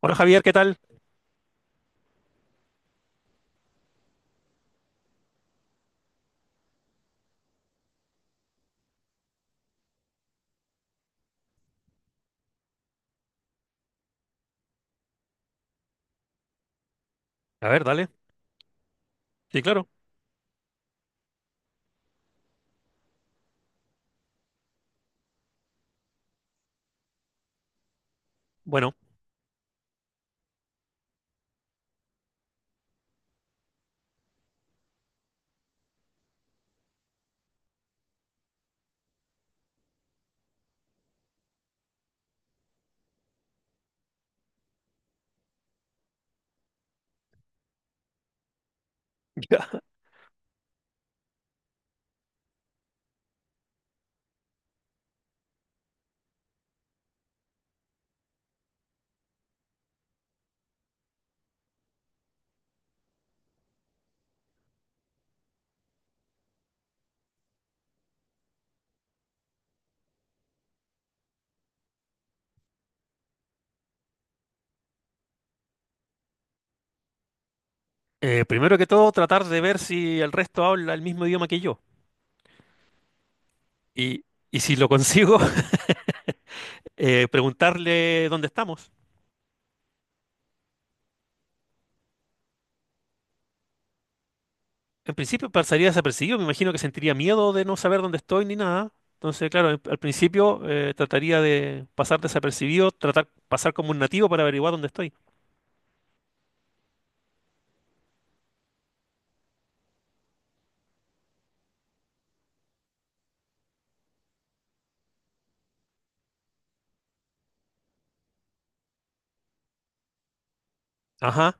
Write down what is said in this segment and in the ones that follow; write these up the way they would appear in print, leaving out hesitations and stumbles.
Hola Javier, ¿qué tal? A ver, dale. Sí, claro. Bueno, ya. Primero que todo, tratar de ver si el resto habla el mismo idioma que yo. Y, y si lo consigo, preguntarle dónde estamos. En principio pasaría desapercibido, me imagino que sentiría miedo de no saber dónde estoy ni nada. Entonces, claro, al principio trataría de pasar desapercibido, tratar pasar como un nativo para averiguar dónde estoy. Ajá,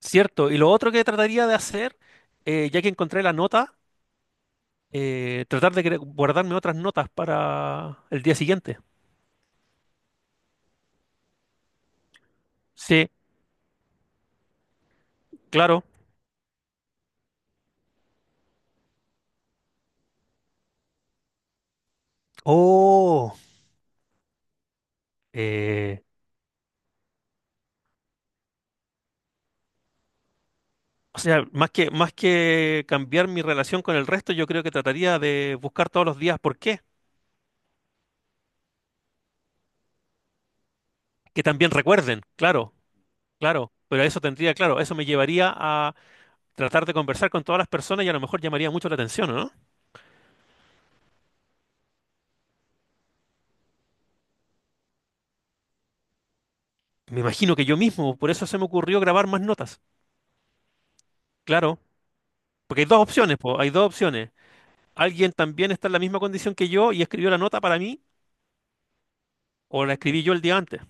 cierto. Y lo otro que trataría de hacer, ya que encontré la nota, tratar de guardarme otras notas para el día siguiente. Sí, claro. Oh, eh, o sea, más que cambiar mi relación con el resto, yo creo que trataría de buscar todos los días por qué. Que también recuerden, claro, claro. Pero eso tendría, claro, eso me llevaría a tratar de conversar con todas las personas y a lo mejor llamaría mucho la atención, ¿o no? Me imagino que yo mismo, por eso se me ocurrió grabar más notas. Claro, porque hay dos opciones, po, hay dos opciones. Alguien también está en la misma condición que yo y escribió la nota para mí, o la escribí yo el día antes.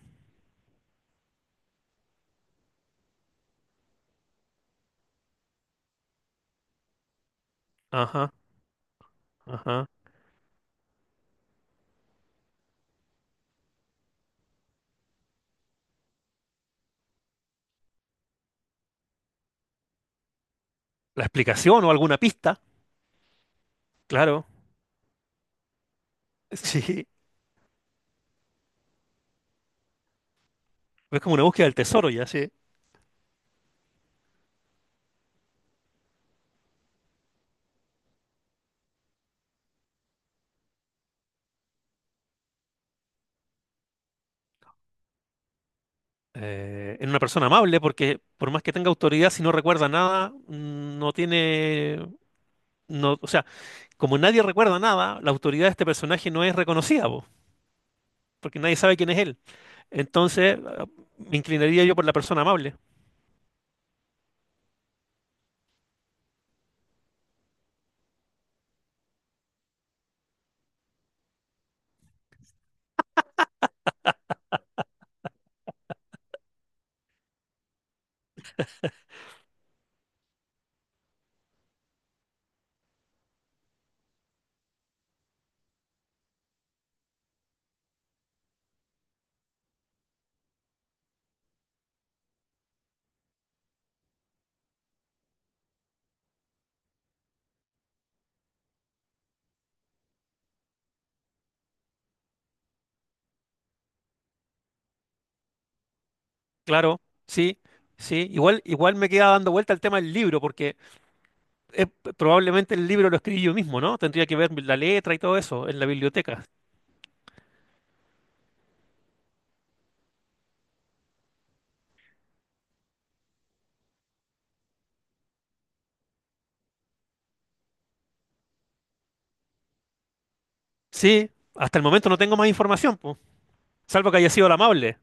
Ajá, ajá. La explicación o alguna pista, claro. Sí, es como una búsqueda del tesoro ya, sí. En una persona amable, porque por más que tenga autoridad, si no recuerda nada, mm, no tiene... No, o sea, como nadie recuerda nada, la autoridad de este personaje no es reconocida, po, porque nadie sabe quién es él. Entonces, ah, me inclinaría yo por la persona amable. Claro, sí, sí. Igual, igual me queda dando vuelta el tema del libro, porque eh, probablemente el libro lo escribí yo mismo, ¿no? Tendría que ver la letra y todo eso en la biblioteca. Sí, hasta el momento no tengo más información, po, salvo que haya sido la amable.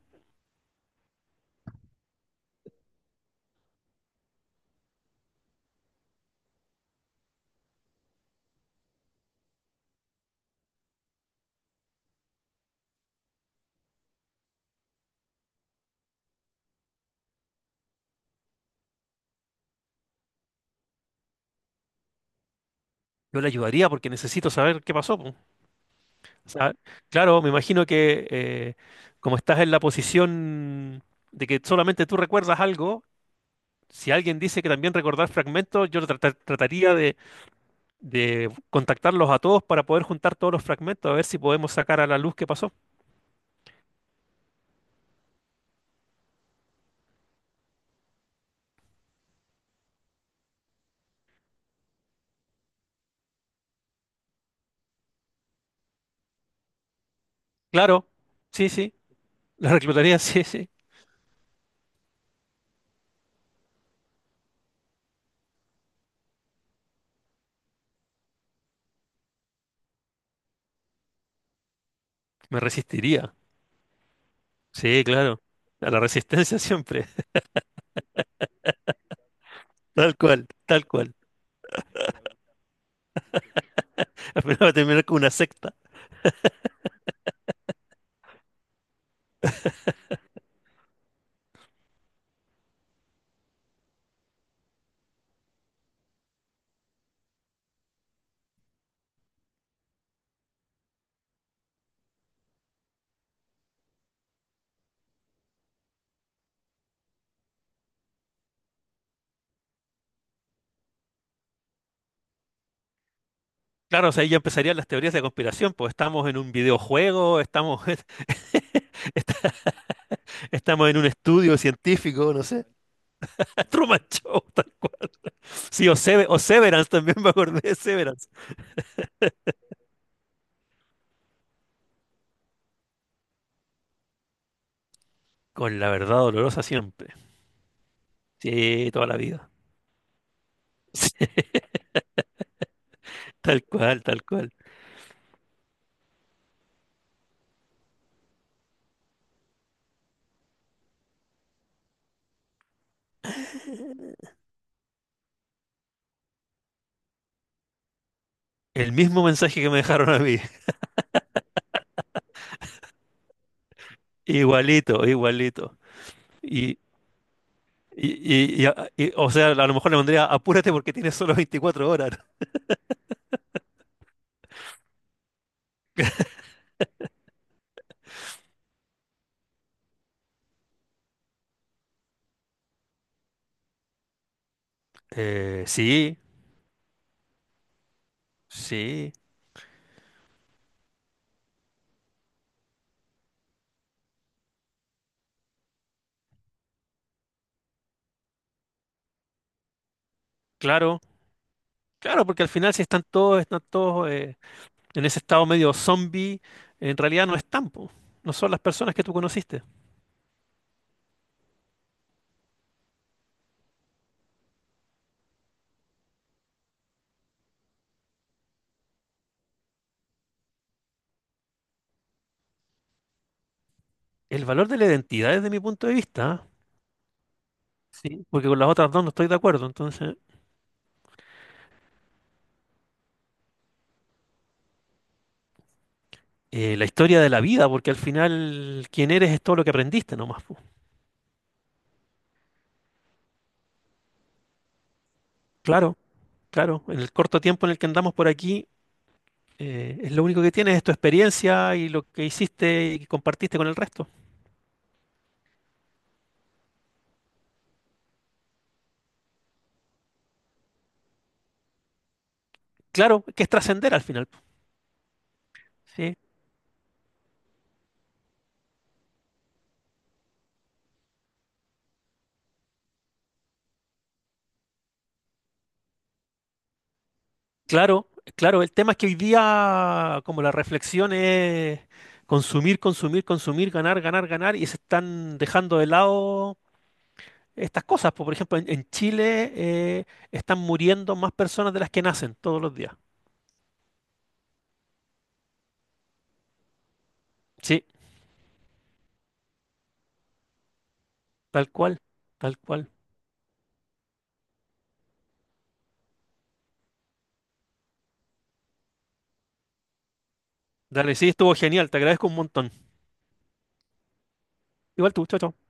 Yo le ayudaría porque necesito saber qué pasó, po. O sea, claro, me imagino que como estás en la posición de que solamente tú recuerdas algo, si alguien dice que también recordar fragmentos, yo trataría de contactarlos a todos para poder juntar todos los fragmentos, a ver si podemos sacar a la luz qué pasó. Claro, sí, sí, la reclutaría, sí, sí. Me resistiría. Sí, claro. A la resistencia siempre. Tal cual, tal cual. Al final va a terminar con una secta. Claro, o sea, ahí ya empezarían las teorías de conspiración, pues estamos en un videojuego, estamos, estamos en un estudio científico, no sé. Truman Show, tal cual. Sí, o, o Severance, también me acordé de Severance. Con la verdad dolorosa siempre. Sí, toda la vida. Sí, tal cual, tal cual. El mismo mensaje que me dejaron a mí. Igualito, igualito. Y o sea, a lo mejor le pondría apúrate porque tienes solo 24 horas. Sí, sí, claro, claro, porque al final si están todos, están todos en ese estado medio zombie, en realidad no están, po. No son las personas que tú conociste. El valor de la identidad desde mi punto de vista, ¿ah? Sí, porque con las otras dos no estoy de acuerdo, entonces. Eh, la historia de la vida, porque al final quién eres es todo lo que aprendiste nomás, po. Claro, claro, en el corto tiempo en el que andamos por aquí. Es lo único que tienes, es tu experiencia y lo que hiciste y compartiste con el resto. Claro, que es trascender al final, po, ¿sí? Claro, claro, el tema es que hoy día como la reflexión es consumir, consumir, consumir, ganar, ganar, ganar y se están dejando de lado estas cosas, po. Por ejemplo, en Chile están muriendo más personas de las que nacen todos los días. Sí, tal cual, tal cual. Dale, sí, estuvo genial, te agradezco un montón. Igual tú, chao, chao.